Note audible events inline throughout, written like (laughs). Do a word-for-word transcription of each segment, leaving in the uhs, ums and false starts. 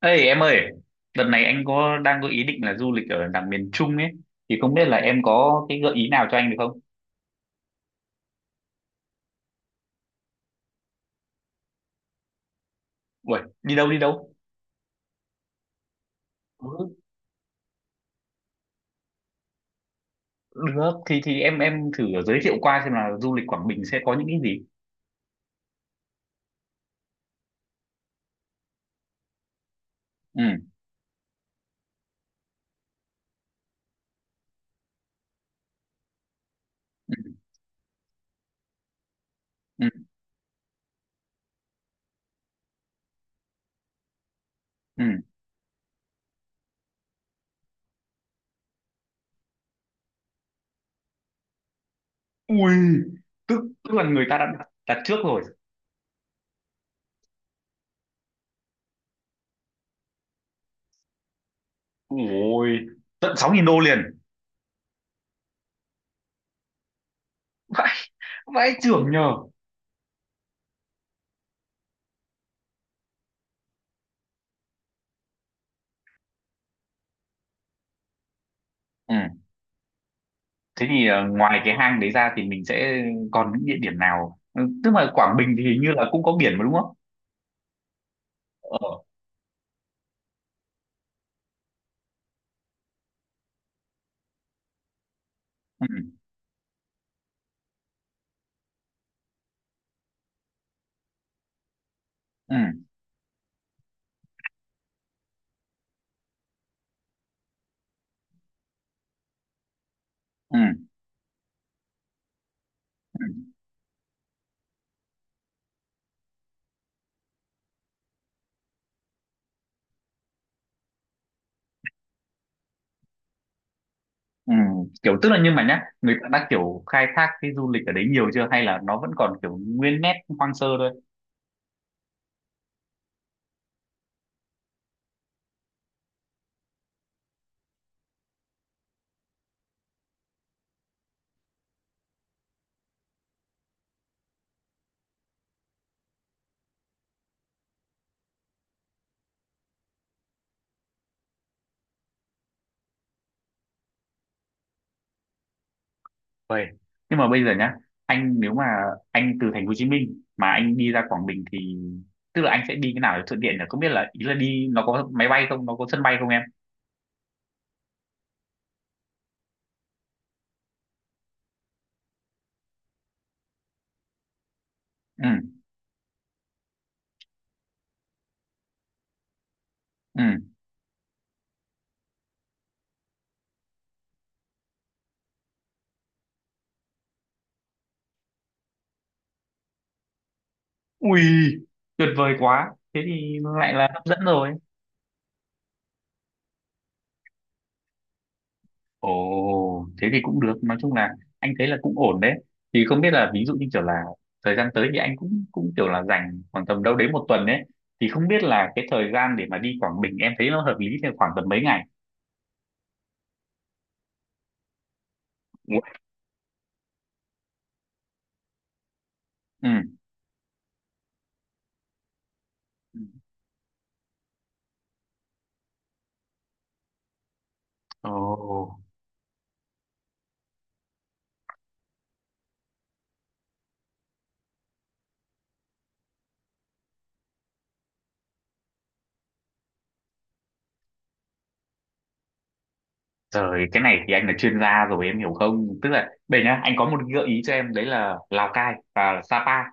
Ê em ơi, đợt này anh có đang có ý định là du lịch ở đằng miền Trung ấy, thì không biết là em có cái gợi ý nào cho anh được không? Uầy, đi đâu đi đâu? Ừ, được, thì thì em em thử giới thiệu qua xem là du lịch Quảng Bình sẽ có những cái gì. Ừ. Ừ. Ừ. Ừ. Ui, tức tức là người ta đã đặt, đặt trước rồi. Ui, tận sáu nghìn đô liền. Vãi, vãi chưởng nhờ. Ừ, thế thì ờ, ngoài cái hang đấy ra thì mình sẽ còn những địa điểm nào? Ừ, tức là Quảng Bình thì hình như là cũng có biển mà đúng không? Ờ. Ừ. Ừ. Ừ. Ừ. Ừ. Kiểu tức là nhưng mà nhá người ta đã kiểu khai thác cái du lịch ở đấy nhiều chưa hay là nó vẫn còn kiểu nguyên nét hoang sơ thôi. Vậy, nhưng mà bây giờ nhá, anh nếu mà anh từ thành phố Hồ Chí Minh mà anh đi ra Quảng Bình thì tức là anh sẽ đi cái nào để thuận tiện nhỉ, không biết là ý là đi nó có máy bay không, nó có sân bay không em? Ừ. Ừ. Ui, tuyệt vời quá, thế thì lại là hấp dẫn rồi. Ồ, thế thì cũng được. Nói chung là anh thấy là cũng ổn đấy. Thì không biết là ví dụ như kiểu là thời gian tới thì anh cũng cũng kiểu là dành khoảng tầm đâu đấy một tuần đấy. Thì không biết là cái thời gian để mà đi Quảng Bình em thấy nó hợp lý thì khoảng tầm mấy ngày? Ừ. Ồ, trời, cái này thì anh là chuyên gia rồi em hiểu không? Tức là đây nhá, anh có một gợi ý cho em đấy là Lào Cai và Sapa.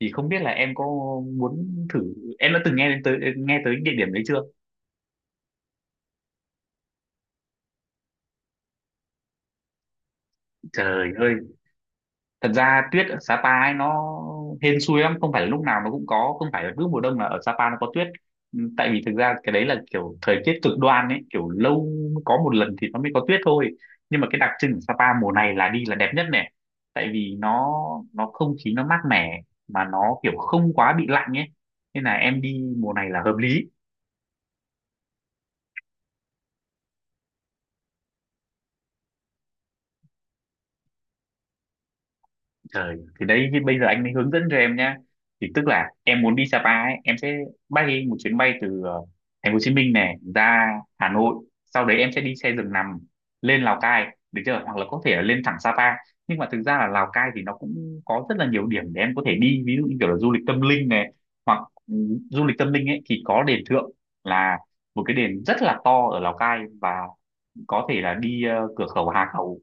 Thì không biết là em có muốn thử, em đã từng nghe đến tới nghe tới địa điểm đấy chưa? Trời ơi, thật ra tuyết ở Sapa ấy nó hên xui lắm, không phải là lúc nào nó cũng có, không phải là cứ mùa đông là ở Sapa nó có tuyết. Ừ, tại vì thực ra cái đấy là kiểu thời tiết cực đoan ấy, kiểu lâu mới có một lần thì nó mới có tuyết thôi. Nhưng mà cái đặc trưng của Sapa mùa này là đi là đẹp nhất này, tại vì nó nó không khí nó mát mẻ mà nó kiểu không quá bị lạnh ấy, nên là em đi mùa này là hợp lý. Trời, thì đấy thì bây giờ anh mới hướng dẫn cho em nhá. Thì tức là em muốn đi Sapa ấy, em sẽ bay một chuyến bay từ ờ, thành phố Hồ Chí Minh này ra Hà Nội, sau đấy em sẽ đi xe giường nằm lên Lào Cai, được chưa? Hoặc là có thể là lên thẳng Sapa. Nhưng mà thực ra là Lào Cai thì nó cũng có rất là nhiều điểm để em có thể đi, ví dụ như kiểu là du lịch tâm linh này, hoặc ừ, du lịch tâm linh ấy thì có đền Thượng là một cái đền rất là to ở Lào Cai, và có thể là đi ờ, cửa khẩu Hà Khẩu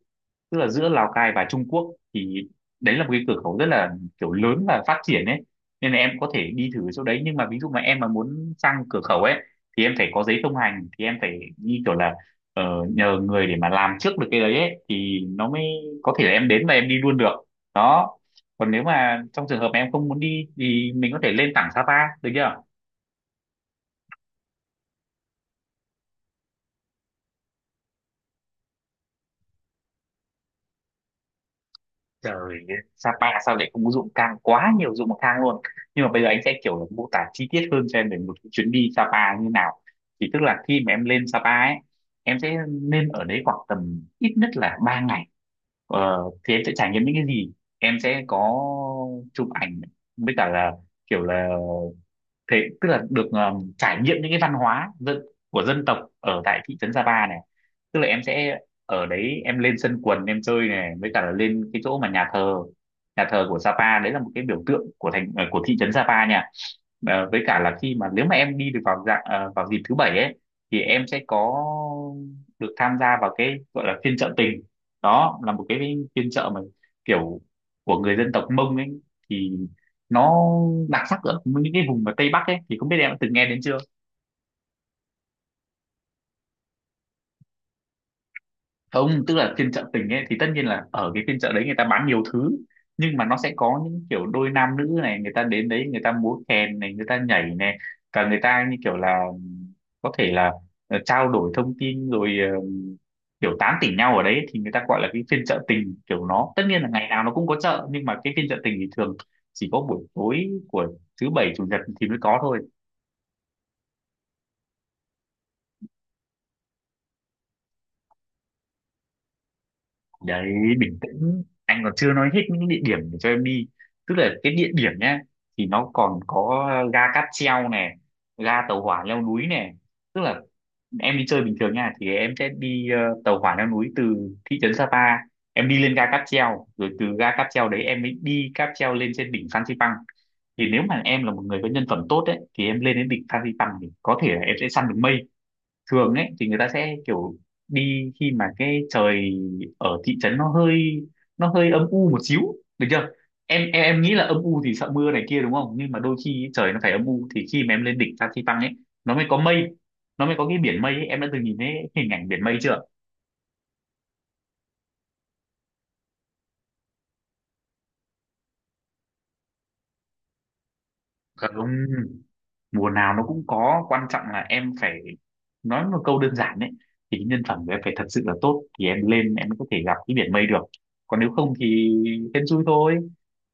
tức là giữa Lào Cai và Trung Quốc, thì đấy là một cái cửa khẩu rất là kiểu lớn và phát triển ấy, nên là em có thể đi thử chỗ đấy. Nhưng mà ví dụ mà em mà muốn sang cửa khẩu ấy thì em phải có giấy thông hành, thì em phải đi kiểu là ờ, nhờ người để mà làm trước được cái đấy ấy, thì nó mới có thể là em đến và em đi luôn được đó. Còn nếu mà trong trường hợp mà em không muốn đi thì mình có thể lên thẳng Sapa, được chưa? Trời, Sapa sao lại không, dụng cang quá nhiều dụng cang luôn. Nhưng mà bây giờ anh sẽ kiểu mô tả chi tiết hơn cho em về một cái chuyến đi Sapa như nào. Thì tức là khi mà em lên Sapa ấy, em sẽ nên ở đấy khoảng tầm ít nhất là ba ngày. Ờ, thì em sẽ trải nghiệm những cái gì, em sẽ có chụp ảnh với cả là kiểu là thế, tức là được ờ, trải nghiệm những cái văn hóa dân, của dân tộc ở tại thị trấn Sapa này. Tức là em sẽ ở đấy, em lên sân quần em chơi này, với cả là lên cái chỗ mà nhà thờ nhà thờ của Sapa đấy là một cái biểu tượng của thành ờ, của thị trấn Sapa nha. Ờ, với cả là khi mà nếu mà em đi được vào dạng ờ, vào dịp thứ bảy ấy, thì em sẽ có được tham gia vào cái gọi là phiên chợ tình. Đó là một cái phiên chợ mà kiểu của người dân tộc Mông ấy, thì nó đặc sắc ở những cái vùng ở Tây Bắc ấy, thì không biết em đã từng nghe đến chưa? Không, tức là phiên chợ tình ấy thì tất nhiên là ở cái phiên chợ đấy người ta bán nhiều thứ, nhưng mà nó sẽ có những kiểu đôi nam nữ này, người ta đến đấy người ta múa kèn này, người ta nhảy này, và người ta như kiểu là có thể là ờ, trao đổi thông tin rồi ờ, kiểu tán tỉnh nhau ở đấy, thì người ta gọi là cái phiên chợ tình. Kiểu nó tất nhiên là ngày nào nó cũng có chợ, nhưng mà cái phiên chợ tình thì thường chỉ có buổi tối của thứ bảy chủ nhật thì mới có thôi. Đấy, bình tĩnh, anh còn chưa nói hết những địa điểm để cho em đi. Tức là cái địa điểm nhá, thì nó còn có ga cáp treo này, ga tàu hỏa leo núi này. Tức là em đi chơi bình thường nha thì em sẽ đi ờ, tàu hỏa leo núi từ thị trấn Sapa, em đi lên ga cáp treo, rồi từ ga cáp treo đấy em mới đi cáp treo lên trên đỉnh Phan Xipang. Thì nếu mà em là một người có nhân phẩm tốt đấy thì em lên đến đỉnh Phan Xipang thì có thể là em sẽ săn được mây. Thường ấy thì người ta sẽ kiểu đi khi mà cái trời ở thị trấn nó hơi, nó hơi âm u một xíu, được chưa? Em em em nghĩ là âm u thì sợ mưa này kia đúng không, nhưng mà đôi khi ý, trời nó phải âm u thì khi mà em lên đỉnh Phan Xi păng ấy nó mới có mây, nó mới có cái biển mây ấy. Em đã từng nhìn thấy hình ảnh biển mây chưa? Không, mùa nào nó cũng có, quan trọng là em phải nói một câu đơn giản đấy, thì cái nhân phẩm của em phải thật sự là tốt thì em lên em có thể gặp cái biển mây được, còn nếu không thì hên xui thôi.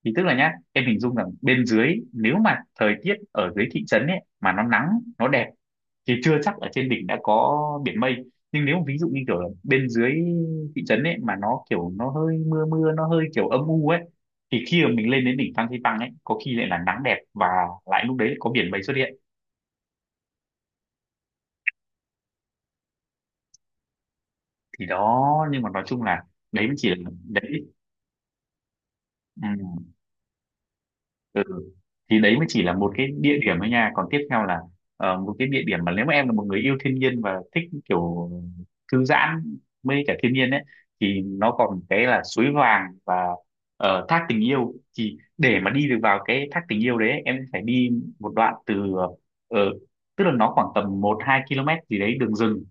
Thì tức là nhá, em hình dung rằng bên dưới, nếu mà thời tiết ở dưới thị trấn ấy mà nó nắng, nó đẹp, thì chưa chắc ở trên đỉnh đã có biển mây. Nhưng nếu ví dụ như kiểu là bên dưới thị trấn ấy mà nó kiểu nó hơi mưa mưa, nó hơi kiểu âm u ấy, thì khi mà mình lên đến đỉnh Phan Xipang ấy có khi lại là nắng đẹp và lại lúc đấy có biển mây xuất hiện. Thì đó, nhưng mà nói chung là đấy mới chỉ là đấy. Ừ. Ừ. Thì đấy mới chỉ là một cái địa điểm thôi nha, còn tiếp theo là ờ, một cái địa điểm mà nếu mà em là một người yêu thiên nhiên và thích kiểu thư giãn, mê cả thiên nhiên ấy, thì nó còn cái là suối vàng và ờ, thác tình yêu. Thì để mà đi được vào cái thác tình yêu đấy ấy, em phải đi một đoạn từ ờ, tức là nó khoảng tầm một hai km gì đấy đường rừng,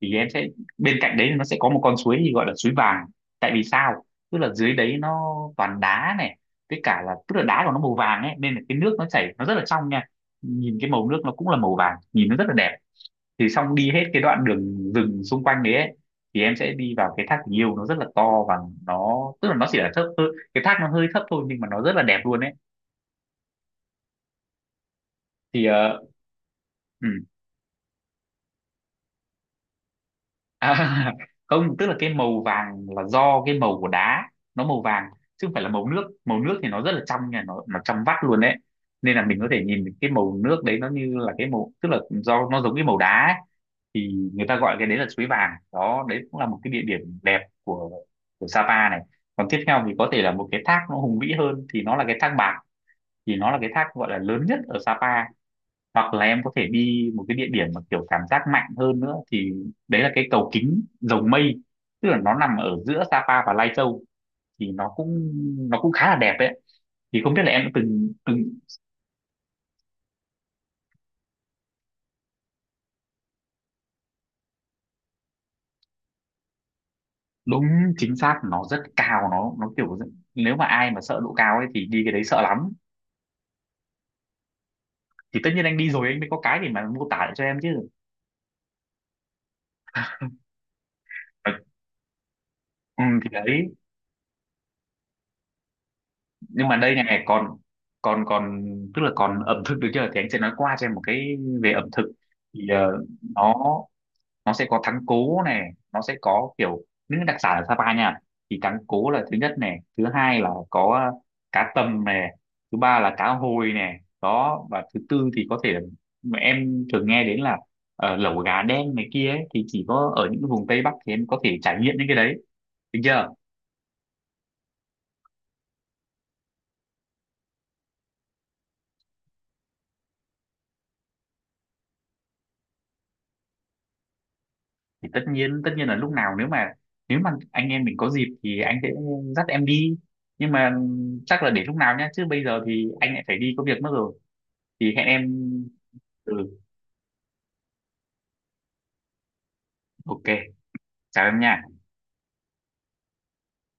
thì em sẽ, bên cạnh đấy nó sẽ có một con suối thì gọi là suối vàng. Tại vì sao? Tức là dưới đấy nó toàn đá này, với cả là tức là đá của nó màu vàng ấy, nên là cái nước nó chảy nó rất là trong nha, nhìn cái màu nước nó cũng là màu vàng, nhìn nó rất là đẹp. Thì xong đi hết cái đoạn đường rừng xung quanh đấy ấy, thì em sẽ đi vào cái thác tình yêu, nó rất là to và nó, tức là nó chỉ là thấp hơi- cái thác nó hơi thấp thôi nhưng mà nó rất là đẹp luôn ấy. Thì ờ, ừ. À, (laughs) không, tức là cái màu vàng là do cái màu của đá nó màu vàng, chứ không phải là màu nước. Màu nước thì nó rất là trong nha, nó nó trong vắt luôn đấy, nên là mình có thể nhìn cái màu nước đấy nó như là cái màu, tức là do nó giống cái màu đá ấy. Thì người ta gọi cái đấy là suối vàng đó, đấy cũng là một cái địa điểm đẹp của của Sapa này. Còn tiếp theo thì có thể là một cái thác nó hùng vĩ hơn, thì nó là cái thác bạc, thì nó là cái thác gọi là lớn nhất ở Sapa. Hoặc là em có thể đi một cái địa điểm mà kiểu cảm giác mạnh hơn nữa, thì đấy là cái cầu kính dầu Mây, tức là nó nằm ở giữa Sapa và Lai Châu, thì nó cũng nó cũng khá là đẹp đấy. Thì không biết là em đã từng từng đúng, chính xác, nó rất cao, nó nó kiểu rất-, nếu mà ai mà sợ độ cao ấy thì đi cái đấy sợ lắm. Thì tất nhiên anh đi rồi anh mới có cái để mà mô tả lại cho em chứ. Ờ, ừ, thì đấy, nhưng mà đây này này, còn còn còn tức là còn ẩm thực, được chưa, thì anh sẽ nói qua cho em một cái về ẩm thực. Thì ờ, nó nó sẽ có thắng cố này, nó sẽ có kiểu những đặc sản ở Sapa nha. Thì thắng cố là thứ nhất này, thứ hai là có ờ, cá tầm này, thứ ba là cá hồi này đó, và thứ tư thì có thể là mà em thường nghe đến là ờ, lẩu gà đen này kia ấy, thì chỉ có ở những vùng Tây Bắc thì em có thể trải nghiệm những cái đấy, được chưa? Thì tất nhiên tất nhiên là lúc nào, nếu mà nếu mà anh em mình có dịp thì anh sẽ dắt em đi, nhưng mà chắc là để lúc nào nhá, chứ bây giờ thì anh lại phải đi có việc mất rồi, thì hẹn em. Ừ. Ok, chào em nha.